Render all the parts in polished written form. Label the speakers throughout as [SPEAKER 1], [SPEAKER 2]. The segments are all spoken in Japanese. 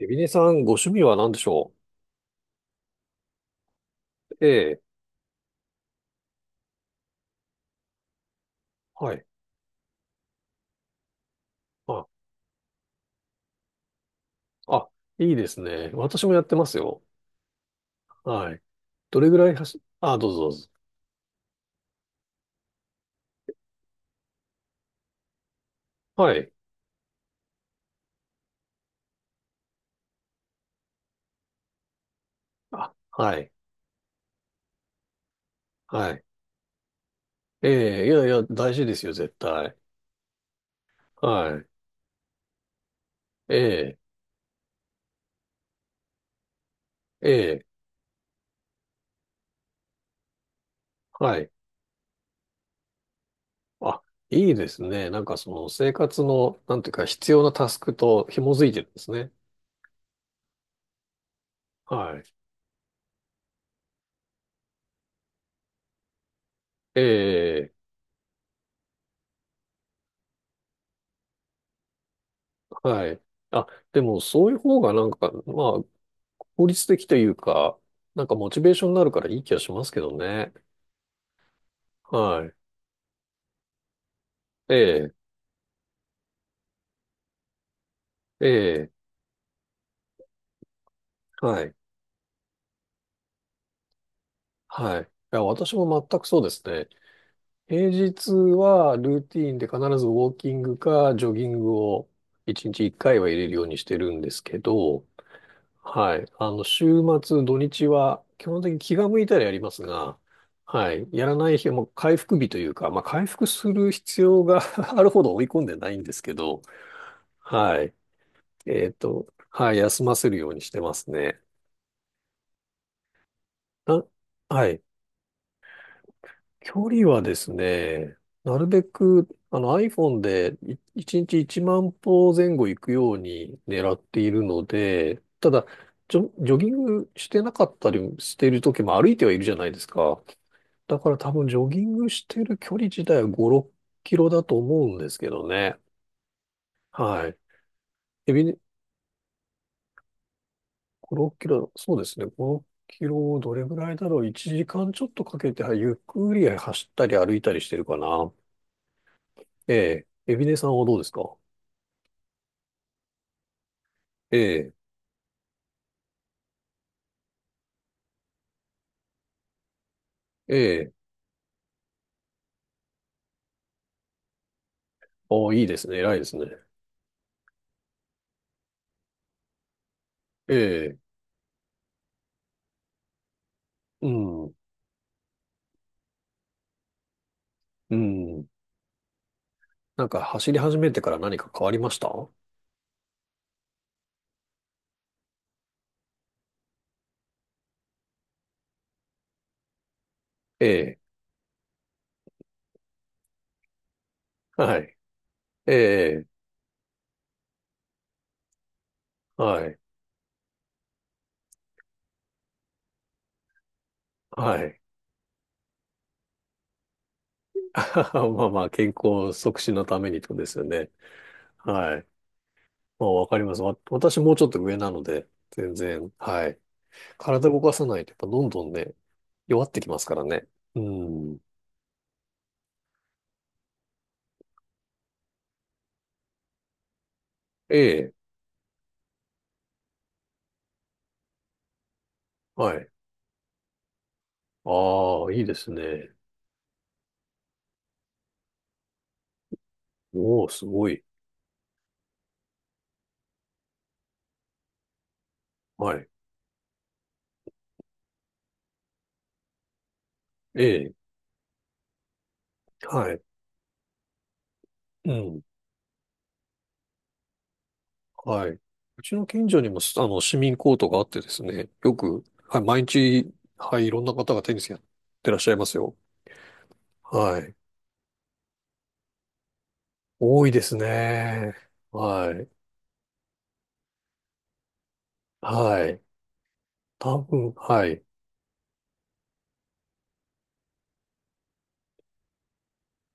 [SPEAKER 1] エビネさん、ご趣味は何でしょう？ええ、はい。あ、あ、いいですね。私もやってますよ。はい。どれぐらい走、あ、どうぞどうぞ。はい。あ、はい。はい。ええ、いやいや、大事ですよ、絶対。はい。ええ、ええ、はい。あ、いいですね。なんかその生活の、なんていうか、必要なタスクと紐づいてるんですね。はい。ええ、はい。あ、でもそういう方がなんか、まあ、効率的というか、なんかモチベーションになるからいい気がしますけどね。はい。ええ、ええ、はい。はい。いや、私も全くそうですね。平日はルーティーンで必ずウォーキングかジョギングを1日1回は入れるようにしてるんですけど、はい。あの、週末、土日は基本的に気が向いたらやりますが、はい。やらない日はもう回復日というか、まあ回復する必要が あるほど追い込んでないんですけど、はい。はい、休ませるようにしてますね。な、はい。距離はですね、なるべく、あの iPhone で1日1万歩前後行くように狙っているので、ただ、ジョギングしてなかったりしている時も歩いてはいるじゃないですか。だから多分ジョギングしてる距離自体は5、6キロだと思うんですけどね。はい。エビ、6キロ、そうですね。6キロをどれぐらいだろう。1時間ちょっとかけて、はいゆっくり走ったり歩いたりしてるかな。ええ。エビネさんはどうですか？ええ、ええ。いいですね。偉いですね。ええ、うん、うん。なんか走り始めてから何か変わりました？ええ、はい。ええ、はい。はい。まあまあ、健康促進のためにとですよね。はい。まあ、わかります。私もうちょっと上なので、全然、はい。体動かさないと、やっぱどんどんね、弱ってきますからね。うん。ええ、はい。ああ、いいですね。おお、すごい。はい。ええ、はい。うん、はい。うちの近所にも、あの、市民コートがあってですね、よく、はい、毎日、はい、いろんな方がテニスやってらっしゃいますよ。はい。多いですね。はい。はい。多分、はい。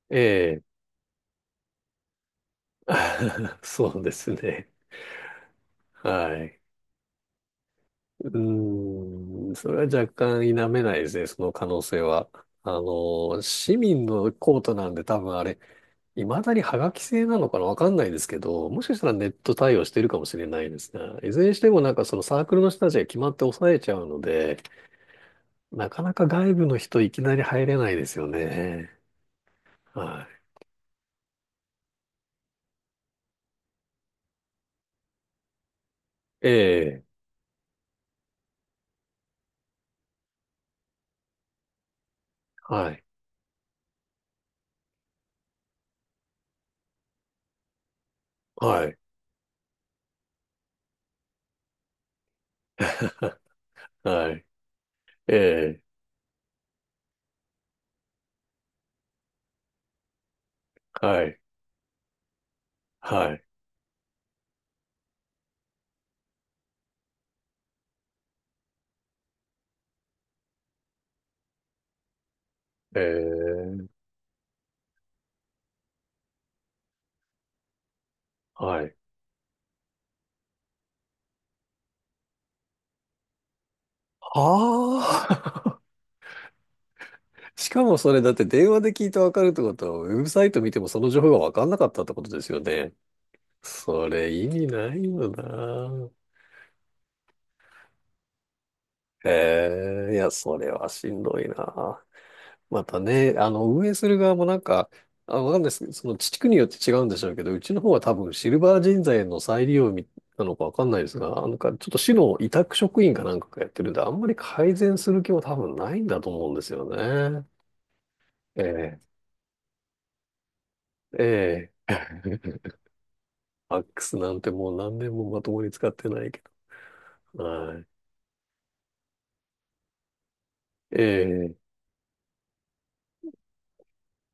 [SPEAKER 1] ええ。そうですね。はい。うーん、それは若干否めないですね、その可能性は。あの、市民のコートなんで多分あれ、未だにハガキ製なのかなわかんないですけど、もしかしたらネット対応してるかもしれないですね。いずれにしてもなんかそのサークルの人たちが決まって抑えちゃうので、なかなか外部の人いきなり入れないですよね。はい。ええ、はい。はい。はい。ええ、はい。はい。ええ、はい。はあ。しかもそれだって電話で聞いてわかるってことは、ウェブサイト見てもその情報がわかんなかったってことですよね。それ意味ないよな。へえ、いや、それはしんどいな。またね、あの、運営する側もなんか、あ、わかんないですけど、その地区によって違うんでしょうけど、うちの方は多分シルバー人材の再利用なのかわかんないですが、なんかちょっと市の委託職員かなんかがやってるんで、あんまり改善する気も多分ないんだと思うんですよね。ええ、ええ。ファックスなんてもう何年もまともに使ってないけど。はい。ええ、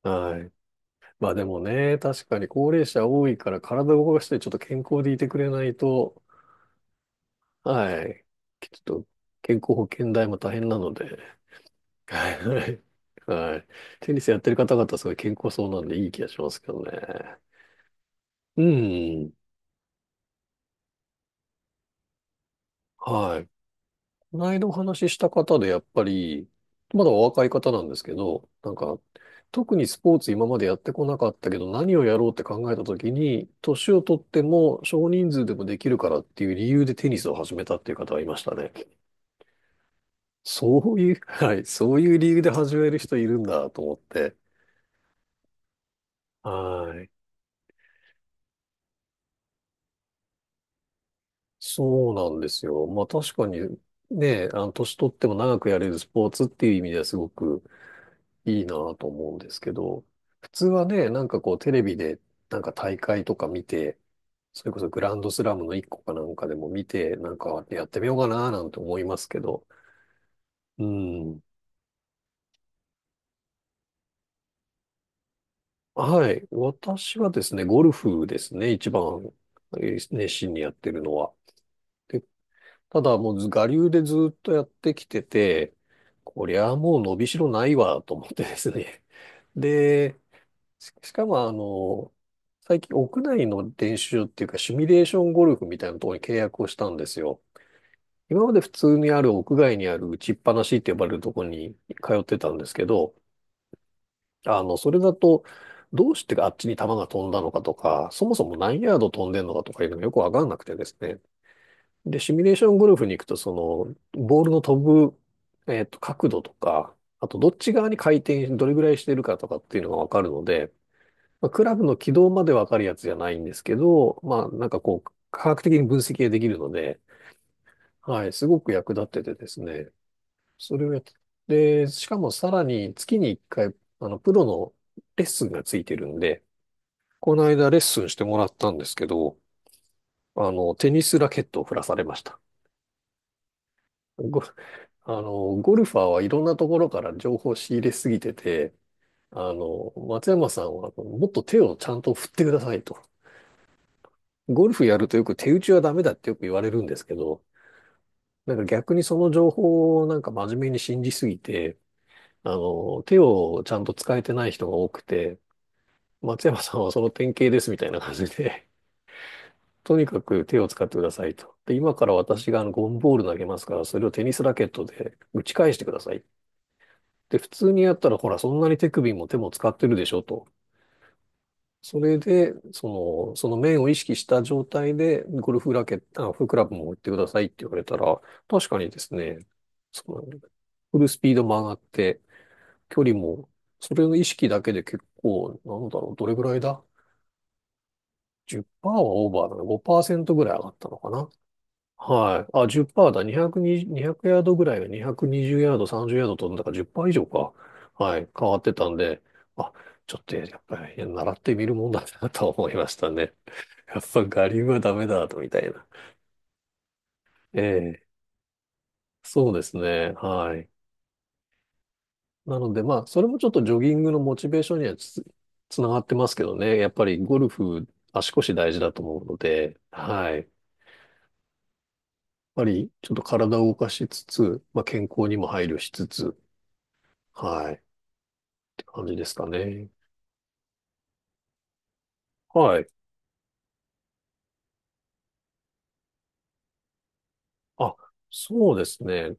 [SPEAKER 1] はい。まあでもね、確かに高齢者多いから体を動かしてちょっと健康でいてくれないと、はい。ちょっと健康保険代も大変なので、はい。はいはい。テニスやってる方々すごい健康そうなんでいい気がしますけどね。うん。はい。この間お話しした方で、やっぱり、まだお若い方なんですけど、なんか、特にスポーツ今までやってこなかったけど、何をやろうって考えた時に、年を取っても少人数でもできるからっていう理由でテニスを始めたっていう方がいましたね。そういう、はい、そういう理由で始める人いるんだと思って。はい。そうなんですよ。まあ確かに、ね、あの、年取っても長くやれるスポーツっていう意味ではすごく、いいなぁと思うんですけど、普通はね、なんかこうテレビでなんか大会とか見て、それこそグランドスラムの一個かなんかでも見て、なんかやってみようかなぁなんて思いますけど、うん。はい。私はですね、ゴルフですね、一番熱心にやってるのは。で、ただもうず我流でずっとやってきてて、こりゃもう伸びしろないわと思ってですね。で、しかも、あの、最近屋内の練習っていうか、シミュレーションゴルフみたいなところに契約をしたんですよ。今まで普通にある屋外にある打ちっぱなしって呼ばれるところに通ってたんですけど、あの、それだと、どうしてあっちに球が飛んだのかとか、そもそも何ヤード飛んでんのかとかいうのがよくわかんなくてですね。で、シミュレーションゴルフに行くと、その、ボールの飛ぶ、角度とか、あと、どっち側に回転、どれぐらいしてるかとかっていうのがわかるので、まあ、クラブの軌道までわかるやつじゃないんですけど、まあ、なんかこう、科学的に分析ができるので、はい、すごく役立っててですね、それをやって、で、しかもさらに月に1回、あの、プロのレッスンがついてるんで、この間レッスンしてもらったんですけど、あの、テニスラケットを振らされました。ゴあの、ゴルファーはいろんなところから情報を仕入れすぎてて、あの、松山さんはもっと手をちゃんと振ってくださいと。ゴルフやるとよく手打ちはダメだってよく言われるんですけど、なんか逆にその情報をなんか真面目に信じすぎて、あの、手をちゃんと使えてない人が多くて、松山さんはその典型ですみたいな感じで、とにかく手を使ってくださいと。で、今から私があのゴンボール投げますから、それをテニスラケットで打ち返してください。で、普通にやったらほら、そんなに手首も手も使ってるでしょと。それで、の、その面を意識した状態で、ゴルフラケット、あ、フクラブも打ってくださいって言われたら、確かにですね、その、フルスピードも上がって、距離も、それの意識だけで結構、なんだろう、どれぐらいだ？ 10% はオーバーだな、5%ぐらい上がったのかな？はい。あ、10%だ。220、200ヤードぐらいが220ヤード、30ヤード飛んだから10%以上か。はい。変わってたんで、あ、ちょっとやっぱり習ってみるもんだなと思いましたね。やっぱ我流はダメだと、みたいな。ええ、そうですね。はい。なので、まあ、それもちょっとジョギングのモチベーションにはつながってますけどね。やっぱりゴルフ、足腰大事だと思うので、はい。やっぱりちょっと体を動かしつつ、まあ、健康にも配慮しつつ、はい。感じですかね。はい。あ、そうですね。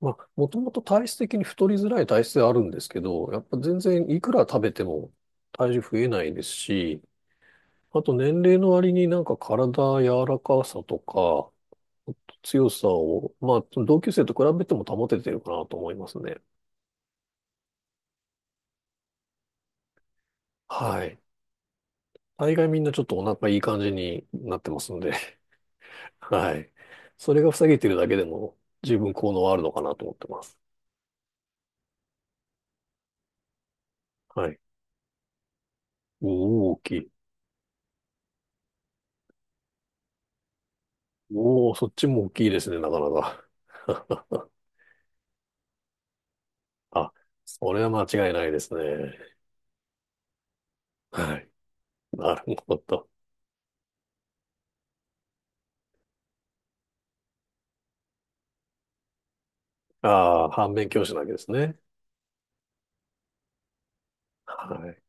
[SPEAKER 1] まあ、もともと体質的に太りづらい体質ではあるんですけど、やっぱ全然いくら食べても体重増えないですし、あと年齢の割になんか体柔らかさとか強さを、まあ、同級生と比べても保ててるかなと思いますね。はい。大概みんなちょっとお腹いい感じになってますんで、はい。それが塞げてるだけでも十分効能はあるのかなと思ってます。はい。お大きい。おお、そっちも大きいですね、なかなか。あ、それは間違いないですね。はい。なるほど。ああ、反面教師なわけですね。はい。